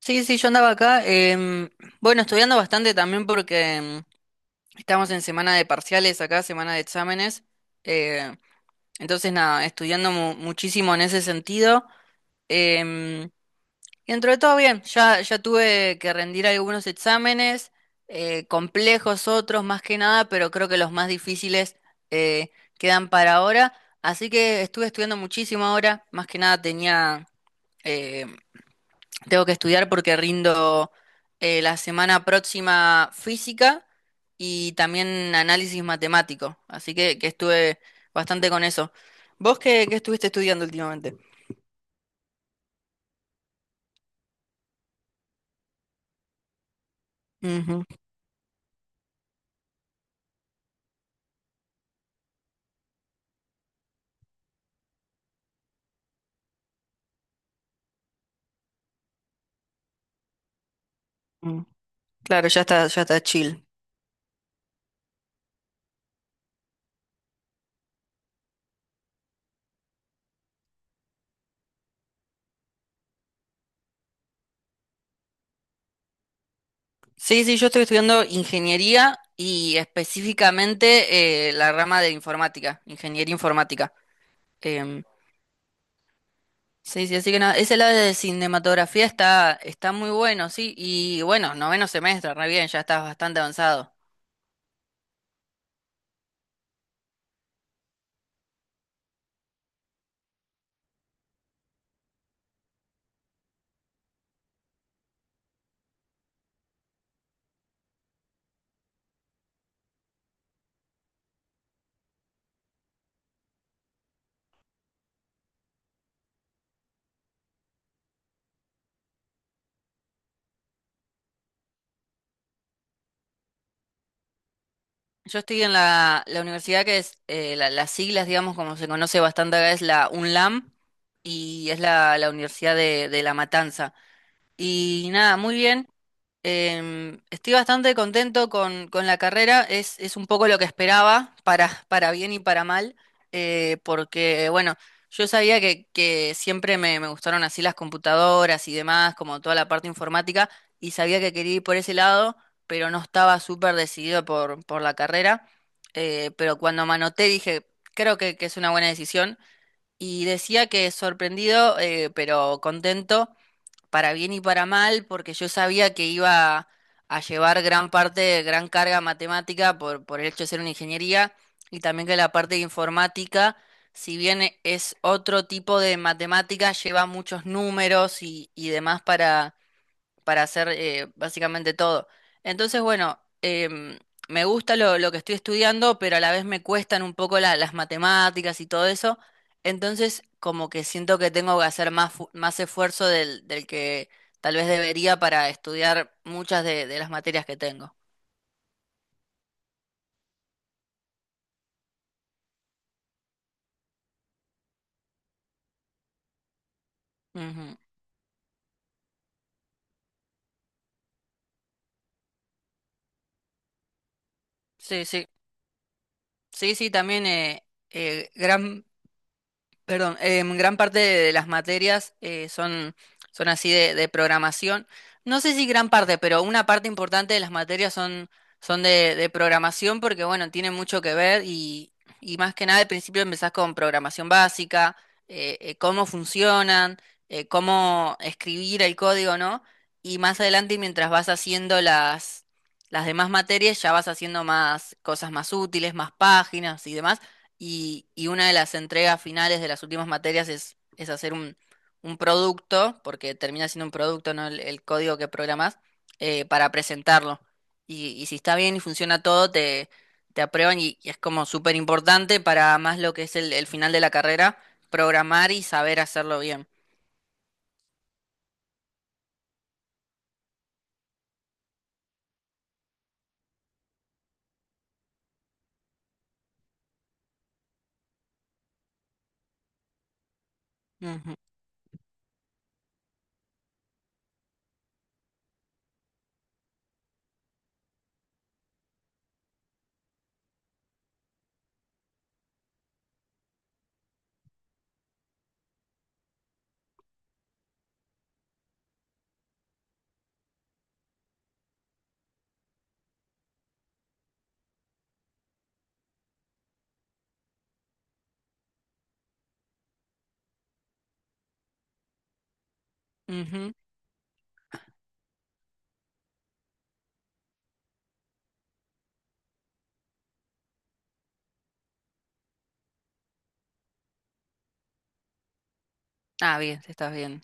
Sí, sí, yo andaba acá. Bueno, estudiando bastante también porque estamos en semana de parciales acá, semana de exámenes. eh, entonces, nada, estudiando muchísimo en ese sentido. em, y dentro de todo bien, ya tuve que rendir algunos exámenes, complejos otros más que nada, pero creo que los más difíciles eh, quedan para ahora. Así que estuve estudiando muchísimo ahora, más que nada eh, tengo que estudiar porque rindo la semana próxima física y también análisis matemático. Así que estuve bastante con eso. ¿Vos qué estuviste estudiando últimamente? Ujú, mm. Claro, ya está chill. Sí, sí, yo estoy estudiando ingeniería y específicamente la rama de informática, ingeniería informática. Em, sí, sí, así que nada, ese lado de cinematografía está muy bueno, sí, y bueno, noveno semestre, re bien, ya estás bastante avanzado. Yo estoy en la universidad que es, las siglas, digamos, como se conoce bastante acá, es la UNLAM y es la Universidad de La Matanza. Y nada, muy bien. Estoy bastante contento con la carrera, es un poco lo que esperaba, para bien y para mal, porque bueno, yo sabía que siempre me gustaron así las computadoras y demás, como toda la parte informática, y sabía que quería ir por ese lado, pero no estaba súper decidido por la carrera, pero cuando me anoté dije, creo que es una buena decisión, y decía que sorprendido, pero contento para bien y para mal, porque yo sabía que iba a llevar gran parte, gran carga matemática por el hecho de ser una ingeniería, y también que la parte de informática, si bien es otro tipo de matemática, lleva muchos números y demás para hacer básicamente todo. Entonces, bueno, me gusta lo que estoy estudiando, pero a la vez me cuestan un poco las matemáticas y todo eso. Entonces, como que siento que tengo que hacer más, más esfuerzo del que tal vez debería para estudiar muchas de las materias que tengo. Ujú. Sí, sí, sí, sí, también gran, perdón, gran parte de las materias son así de programación. No sé si gran parte, pero una parte importante de las materias son de programación porque, bueno, tienen mucho que ver y más que nada al principio empezás con programación básica, cómo funcionan, cómo escribir el código, ¿no? Y más adelante, mientras vas haciendo las demás materias, ya vas haciendo más cosas más útiles, más páginas y demás y una de las entregas finales de las últimas materias es hacer un producto, porque termina siendo un producto, ¿no? El código que programas, para presentarlo. Y si está bien y funciona todo, te aprueban y es como súper importante para más lo que es el final de la carrera, programar y saber hacerlo bien. Ujú, ujú. Ah, bien, estás bien.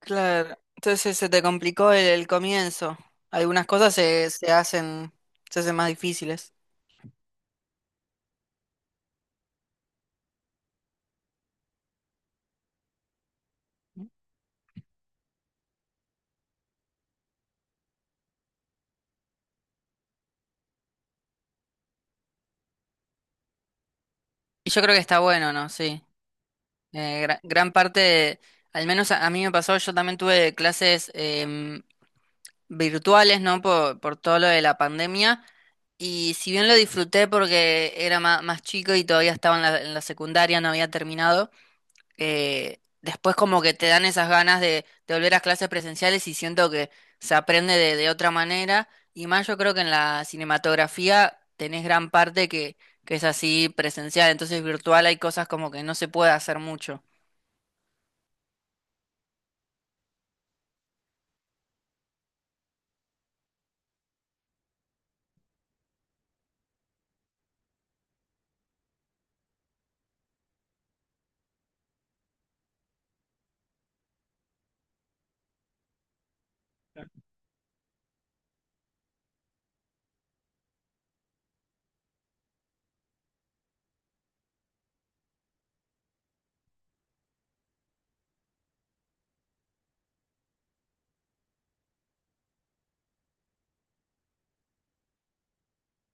Claro, entonces se te complicó el comienzo. Algunas cosas se hacen más difíciles. Y yo creo que está bueno, ¿no? Sí. Gran parte, de- al menos a mí me pasó, yo también tuve clases em, virtuales, ¿no? Por todo lo de la pandemia. Y si bien lo disfruté porque era más, chico y todavía estaba en en la secundaria, no había terminado, después como que te dan esas ganas de volver a clases presenciales y siento que se aprende de otra manera. Y más yo creo que en la cinematografía tenés gran parte que es así presencial, entonces virtual hay cosas como que no se puede hacer mucho.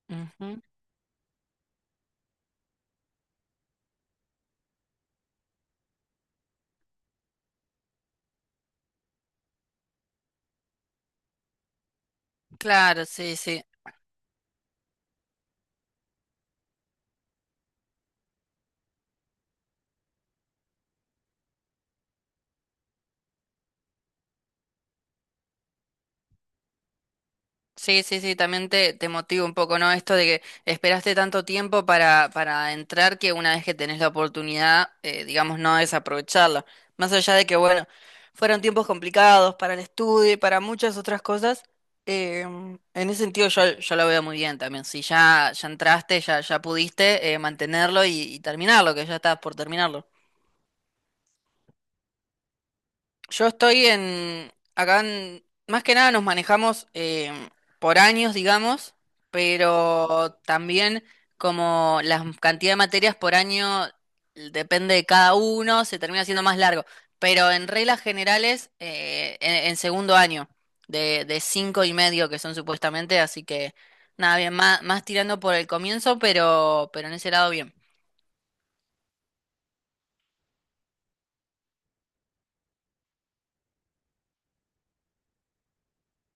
Ujú. Claro, sí, sí. Sí, sí, sí, también te motiva un poco, ¿no? Esto de que esperaste tanto tiempo para entrar que una vez que tenés la oportunidad, digamos, no desaprovecharla. Más allá de que, bueno, fueron tiempos complicados para el estudio y para muchas otras cosas, en ese sentido yo, yo lo veo muy bien también. Si ya entraste, ya pudiste mantenerlo y terminarlo, que ya estás por terminarlo. Yo estoy en, acá en- más que nada nos manejamos por años, digamos, pero también como la cantidad de materias por año depende de cada uno, se termina siendo más largo. Pero en reglas generales, en segundo año, de cinco y medio que son supuestamente, así que nada, bien, más, más tirando por el comienzo, pero en ese lado bien.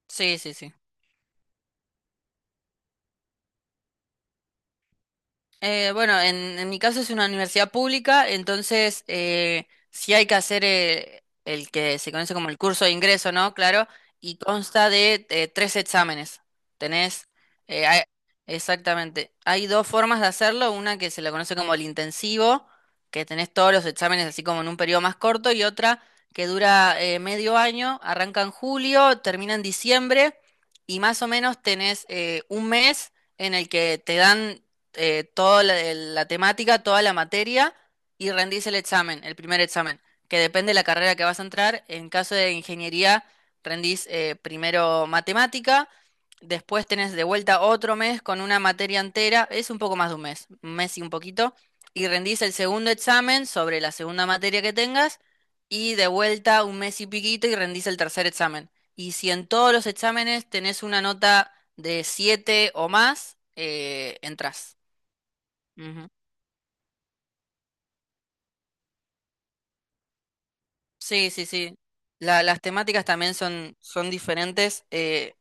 Sí, sí, sí. Bueno, en mi caso es una universidad pública, entonces sí hay que hacer el que se conoce como el curso de ingreso, ¿no? Claro, y consta de tres exámenes. Tenés, hay- exactamente, hay dos formas de hacerlo, una que se la conoce como el intensivo, que tenés todos los exámenes así como en un periodo más corto, y otra que dura medio año, arranca en julio, termina en diciembre, y más o menos tenés un mes en el que te dan toda el- la temática, toda la materia y rendís el examen, el primer examen, que depende de la carrera que vas a entrar. En caso de ingeniería, rendís primero matemática, después tenés de vuelta otro mes con una materia entera, es un poco más de un mes y un poquito, y rendís el segundo examen sobre la segunda materia que tengas y de vuelta un mes y piquito y rendís el tercer examen. Y si en todos los exámenes tenés una nota de 7 o más, entras. Ujú. Sí, sí, sí. Las temáticas también son, son diferentes.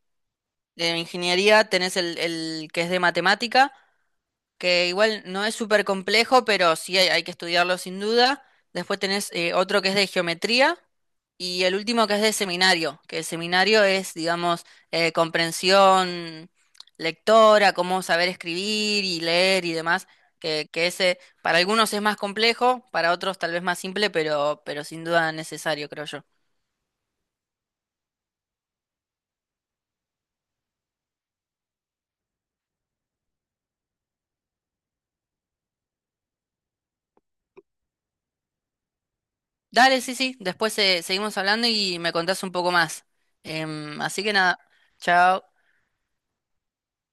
De ingeniería tenés el que es de matemática que igual no es súper complejo, pero sí hay que estudiarlo sin duda. Después tenés otro que es de geometría y el último que es de seminario, que el seminario es, digamos, comprensión lectora, cómo saber escribir y leer y demás, que ese para algunos es más complejo, para otros tal vez más simple, pero sin duda necesario, creo yo. Dale, sí, sí, después seguimos hablando y me contás un poco más. Así que nada, chao.